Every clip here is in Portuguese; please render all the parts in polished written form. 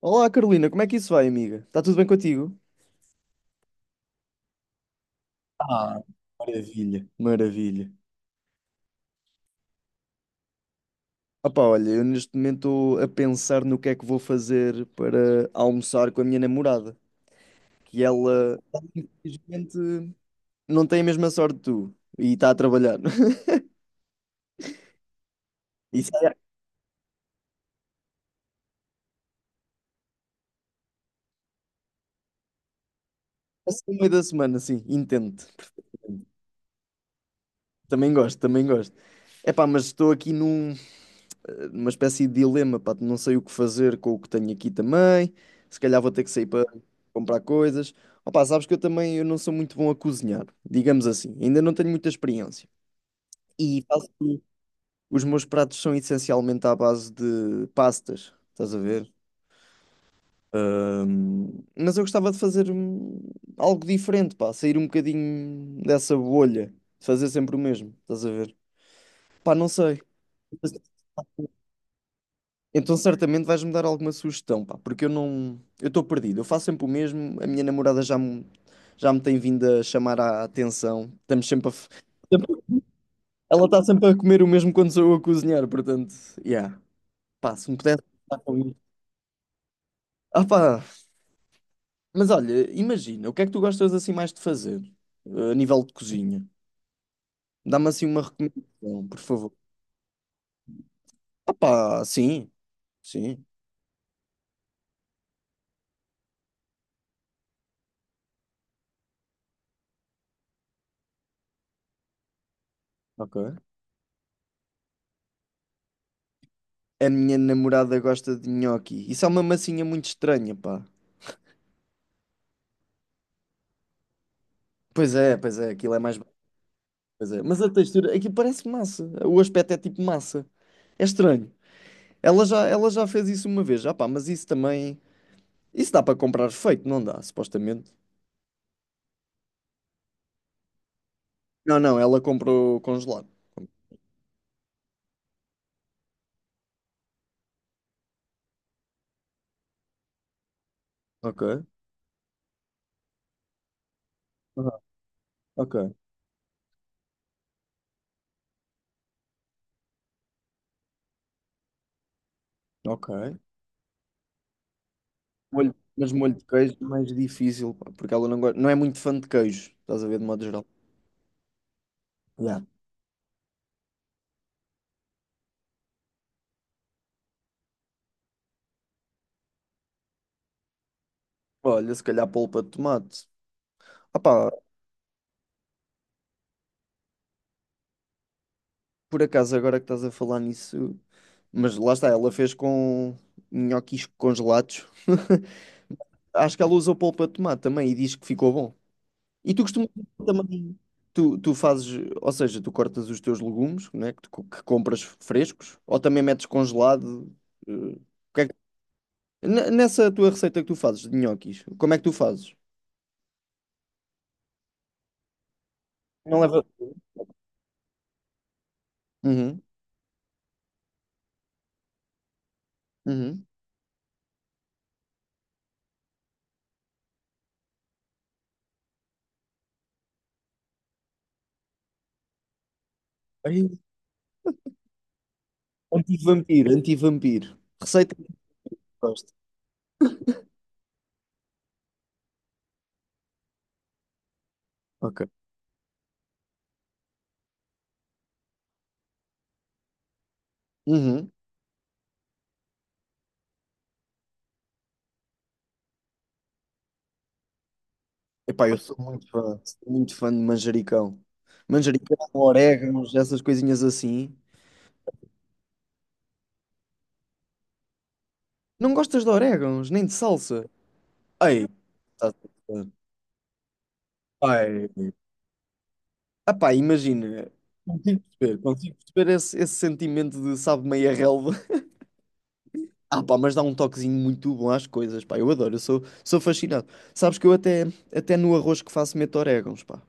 Olá, Carolina, como é que isso vai, amiga? Está tudo bem contigo? Ah, maravilha. Maravilha. Opá, olha, eu neste momento estou a pensar no que é que vou fazer para almoçar com a minha namorada, que ela, infelizmente, não tem a mesma sorte que tu e está a trabalhar. E sai assim no meio da semana, sim, entendo. Também gosto, também gosto. Epá, mas estou aqui numa espécie de dilema, pá, não sei o que fazer com o que tenho aqui também, se calhar vou ter que sair para comprar coisas. Opa, sabes que eu também eu não sou muito bom a cozinhar, digamos assim, ainda não tenho muita experiência. E faço- os meus pratos são essencialmente à base de pastas, estás a ver? Mas eu gostava de fazer algo diferente, pá, sair um bocadinho dessa bolha, de fazer sempre o mesmo, estás a ver? Pá, não sei. Então certamente vais-me dar alguma sugestão, pá, porque eu não, eu estou perdido. Eu faço sempre o mesmo, a minha namorada já me tem vindo a chamar a atenção. Estamos sempre a, f- sempre- ela está sempre a comer o mesmo quando sou eu a cozinhar, portanto, yeah. Pá, se me pudesse ajudar com isso. Ah, pá, mas olha, imagina, o que é que tu gostas assim mais de fazer, a nível de cozinha? Dá-me assim uma recomendação, por favor. Ah, pá, sim, sim, ok. A minha namorada gosta de nhoque. Isso é uma massinha muito estranha, pá. Pois é, aquilo é mais. Pois é. Mas a textura, aquilo parece massa. O aspecto é tipo massa. É estranho. Ela já fez isso uma vez, já pá, mas isso também. Isso dá para comprar feito, não dá, supostamente. Não, não, ela comprou congelado. Ok. Aham, ok, ok. Molho, mas molho de queijo é mais difícil, pá, porque ela não gosta, não é muito fã de queijo, estás a ver, de modo geral. Yeah. Olha, se calhar polpa de tomate. Ah, pá, por acaso, agora que estás a falar nisso, mas lá está, ela fez com nhoquis congelados. Acho que ela usou polpa de tomate também e diz que ficou bom. E tu costumas também, tu fazes, ou seja, tu cortas os teus legumes, né, que, que compras frescos, ou também metes congelado. Eh, o que é que- N- nessa tua receita que tu fazes de nhoquis, como é que tu fazes? Não leva. Uhum, uhum. Vampiro, anti-vampiro. Receita. Ok. Epá, eu sou muito fã de manjericão. Manjericão, orégãos, essas coisinhas assim. Não gostas de orégãos, nem de salsa? Ei, tá- ai. Epá, imagina. Consigo perceber esse sentimento de sabe meia relva. Ah, pá, mas dá um toquezinho muito bom às coisas, pá. Eu adoro, eu sou fascinado. Sabes que eu até no arroz que faço meto orégãos, pá.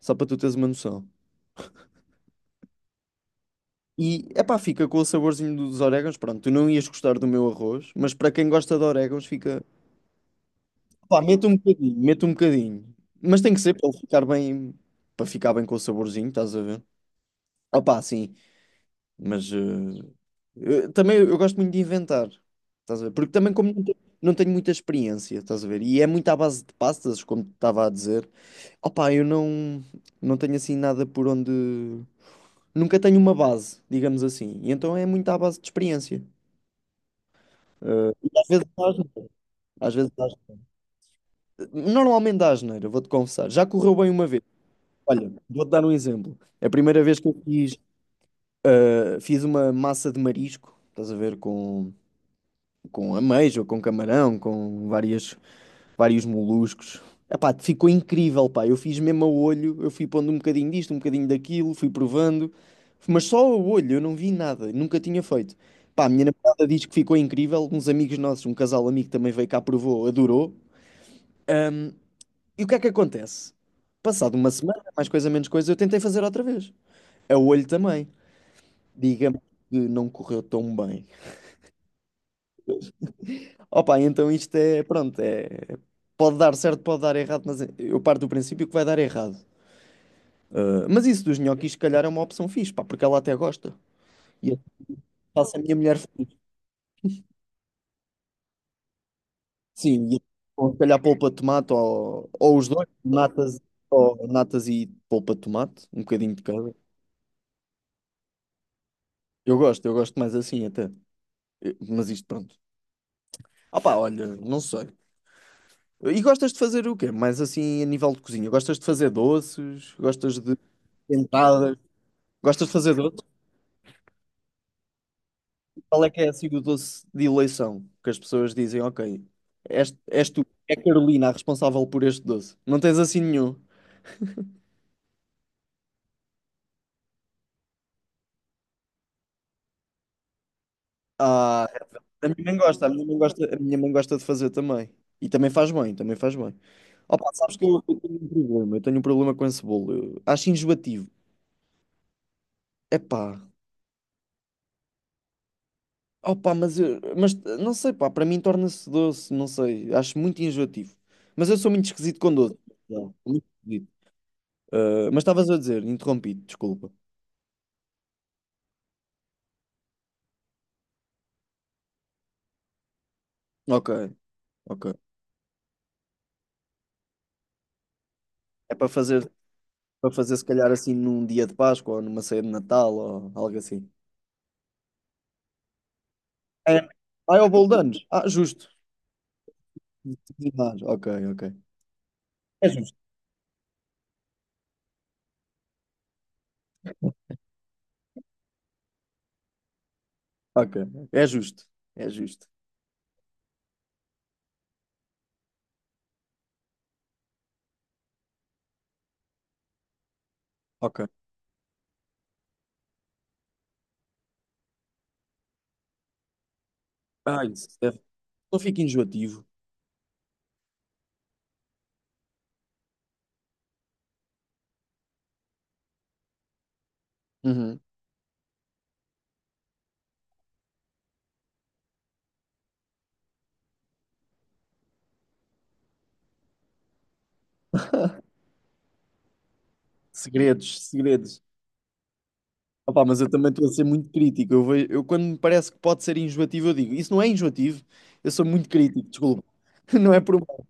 Só para tu teres uma noção. E, epá, fica com o saborzinho dos orégãos. Pronto, tu não ias gostar do meu arroz, mas para quem gosta de orégãos, fica. Pá, mete um bocadinho, mete um bocadinho. Mas tem que ser para ele ficar bem, para ficar bem com o saborzinho, estás a ver? Opá, sim, mas também eu gosto muito de inventar, estás a ver? Porque também como não tenho muita experiência, estás a ver? E é muito à base de pastas, como te estava a dizer. Opá, eu não tenho assim nada por onde... Nunca tenho uma base, digamos assim. E então é muito à base de experiência. Às vezes dá asneira. Às vezes dá asneira. Normalmente dá asneira, vou-te confessar. Já correu bem uma vez. Olha, vou-te dar um exemplo. É a primeira vez que eu fiz uma massa de marisco, estás a ver, com, ameijo, com camarão, com vários moluscos. Epá, ficou incrível, pá. Eu fiz mesmo a olho, eu fui pondo um bocadinho disto, um bocadinho daquilo, fui provando, mas só a olho, eu não vi nada, nunca tinha feito. Pá, a minha namorada diz que ficou incrível. Uns amigos nossos, um casal amigo também veio cá, provou, adorou. E o que é que acontece? Passado uma semana, mais coisa, menos coisa, eu tentei fazer outra vez. A olho também. Digamos que não correu tão bem. Opa, então isto é, pronto, é, pode dar certo, pode dar errado, mas eu parto do princípio que vai dar errado. Ah, mas isso dos nhoquis, se calhar, é uma opção fixe, pá, porque ela até gosta. E eu faço a minha mulher feliz. Sim, e ou se calhar polpa de tomate ou os dois, natas, ou natas e polpa de tomate, um bocadinho de cada. Eu gosto mais assim até. Mas isto, pronto. Opa, olha, não sei. E gostas de fazer o quê? Mais assim, a nível de cozinha? Gostas de fazer doces? Gostas de tentadas? Gostas de fazer doces? Qual é que é assim o doce de eleição? Que as pessoas dizem, ok, és tu, é a Carolina a responsável por este doce. Não tens assim nenhum. Ah, a minha mãe gosta de fazer também. E também faz bem, também faz bem. Opa, sabes que eu tenho um problema com esse bolo. Eu acho enjoativo. Epá, opa, mas não sei, pá, para mim torna-se doce, não sei, acho muito enjoativo. Mas eu sou muito esquisito com doce. Não, muito esquisito. Ah, mas estavas a dizer, interrompi, desculpa. Ok, ok. É para fazer se calhar assim num dia de Páscoa ou numa ceia de Natal ou algo assim. É. Ah, é o bolo de anos. Ah, justo. Ah, ok, ok. É justo. Ok, é justo. É justo. Ok. Ah, isso deve. Não fica enjoativo. Uhum. Segredos, segredos. Opa, mas eu também estou a ser muito crítico. Eu quando me parece que pode ser enjoativo, eu digo, isso não é enjoativo. Eu sou muito crítico, desculpa. Não é por mal.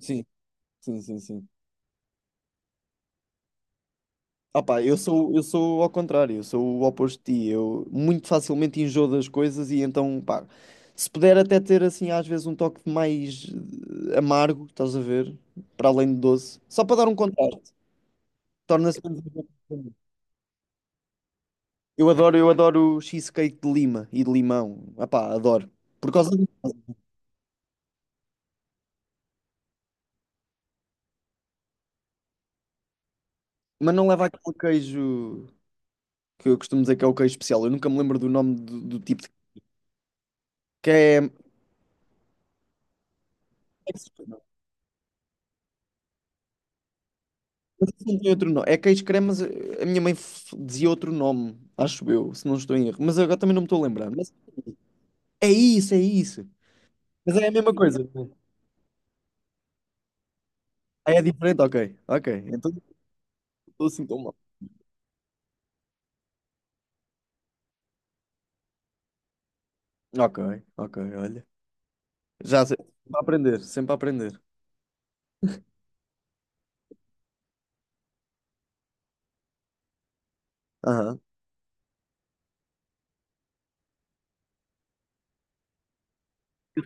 Sim, sim, sim, sim. Opa, eu sou ao contrário, eu sou o oposto de ti. Eu muito facilmente enjoo das coisas e então, pá, se puder até ter assim às vezes um toque mais amargo, estás a ver? Para além de doce, só para dar um contraste, torna-se menos enjoativo. Eu adoro cheesecake de lima e de limão. Opá, adoro. Por causa disso. Mas não leva aquele queijo que eu costumo dizer que é o queijo especial. Eu nunca me lembro do nome do tipo de que é. Não tem outro nome. É queijo creme, mas a minha mãe dizia outro nome, acho eu, se não estou em erro. Mas agora também não me estou a lembrar. Mas é isso, é isso. Mas é a mesma coisa, né? Ah, é diferente? Ok, ok. Então não estou assim tão mal. Ok, ok, olha. Já sei. Sempre a aprender, sempre a aprender. Aham.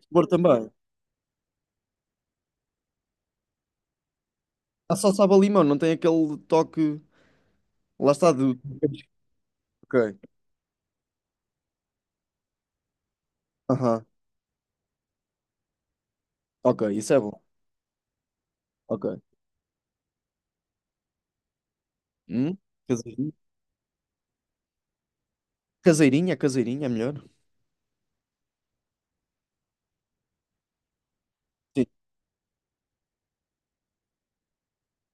Sabor também. Ah, só sabe a limão, não tem aquele toque. Lá está do. Ok. Aham. Ok, isso é bom. Ok. Hum? Caseirinha. Caseirinha, caseirinha é melhor. Sim,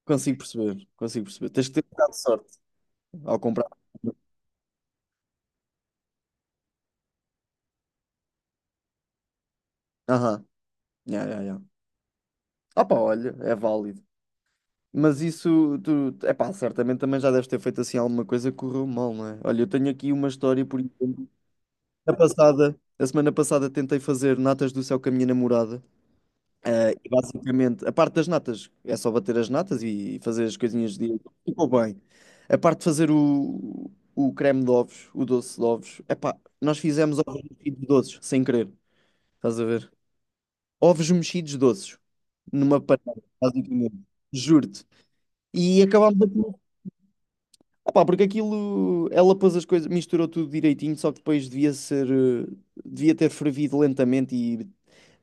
consigo perceber, consigo perceber. Tens que ter um bocado de sorte ao comprar. Aham, yeah, yeah, ah, pá, olha, é válido. Mas isso, tu, é pá, certamente também já deves ter feito assim alguma coisa que correu mal, não é? Olha, eu tenho aqui uma história, por exemplo, a semana passada tentei fazer natas do céu com a minha namorada. Ah, e basicamente, a parte das natas é só bater as natas e fazer as coisinhas de ficou bem. A parte de fazer o creme de ovos, o doce de ovos, epá, nós fizemos ovos mexidos doces, sem querer, estás a ver? Ovos mexidos doces, numa panela, basicamente, juro-te. E acabámos aquilo, epá, porque aquilo, ela pôs as coisas, misturou tudo direitinho, só que depois devia ter fervido lentamente e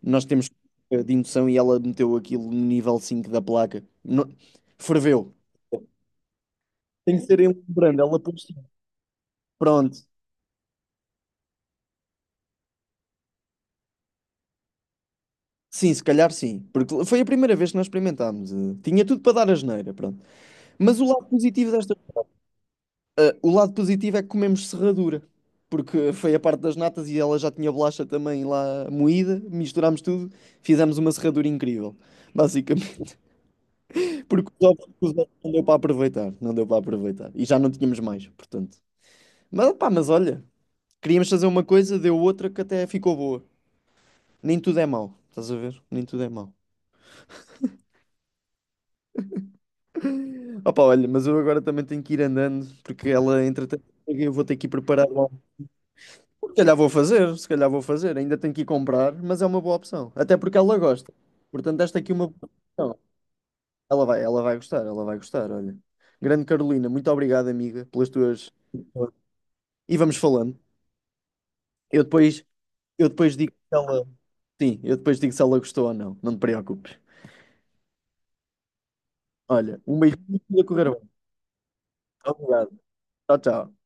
nós temos de indução e ela meteu aquilo no nível 5 da placa. Ferveu. Tem que ser em um brando, ela pôs sim. Pronto. Sim, se calhar sim. Porque foi a primeira vez que nós experimentámos. Tinha tudo para dar asneira, pronto. Mas o lado positivo desta. O lado positivo é que comemos serradura. Porque foi a parte das natas e ela já tinha bolacha também lá moída. Misturámos tudo, fizemos uma serradura incrível. Basicamente. Porque os ovos não deu para aproveitar. Não deu para aproveitar. E já não tínhamos mais, portanto. Mas pá, mas olha, queríamos fazer uma coisa, deu outra que até ficou boa. Nem tudo é mau, estás a ver? Nem tudo é mau. Opa, olha, mas eu agora também tenho que ir andando, porque ela, entretanto, eu vou ter que ir preparar o. Se calhar vou fazer, se calhar vou fazer. Ainda tenho que ir comprar, mas é uma boa opção. Até porque ela gosta. Portanto, esta aqui é uma boa opção. Ela vai gostar, ela vai gostar, olha. Grande Carolina, muito obrigado, amiga, pelas tuas. E vamos falando. Eu depois, eu depois digo se ela. Sim, eu depois digo se ela gostou ou não. Não te preocupes. Olha, um beijinho e tudo a correr bem. Obrigado. Tchau, tchau.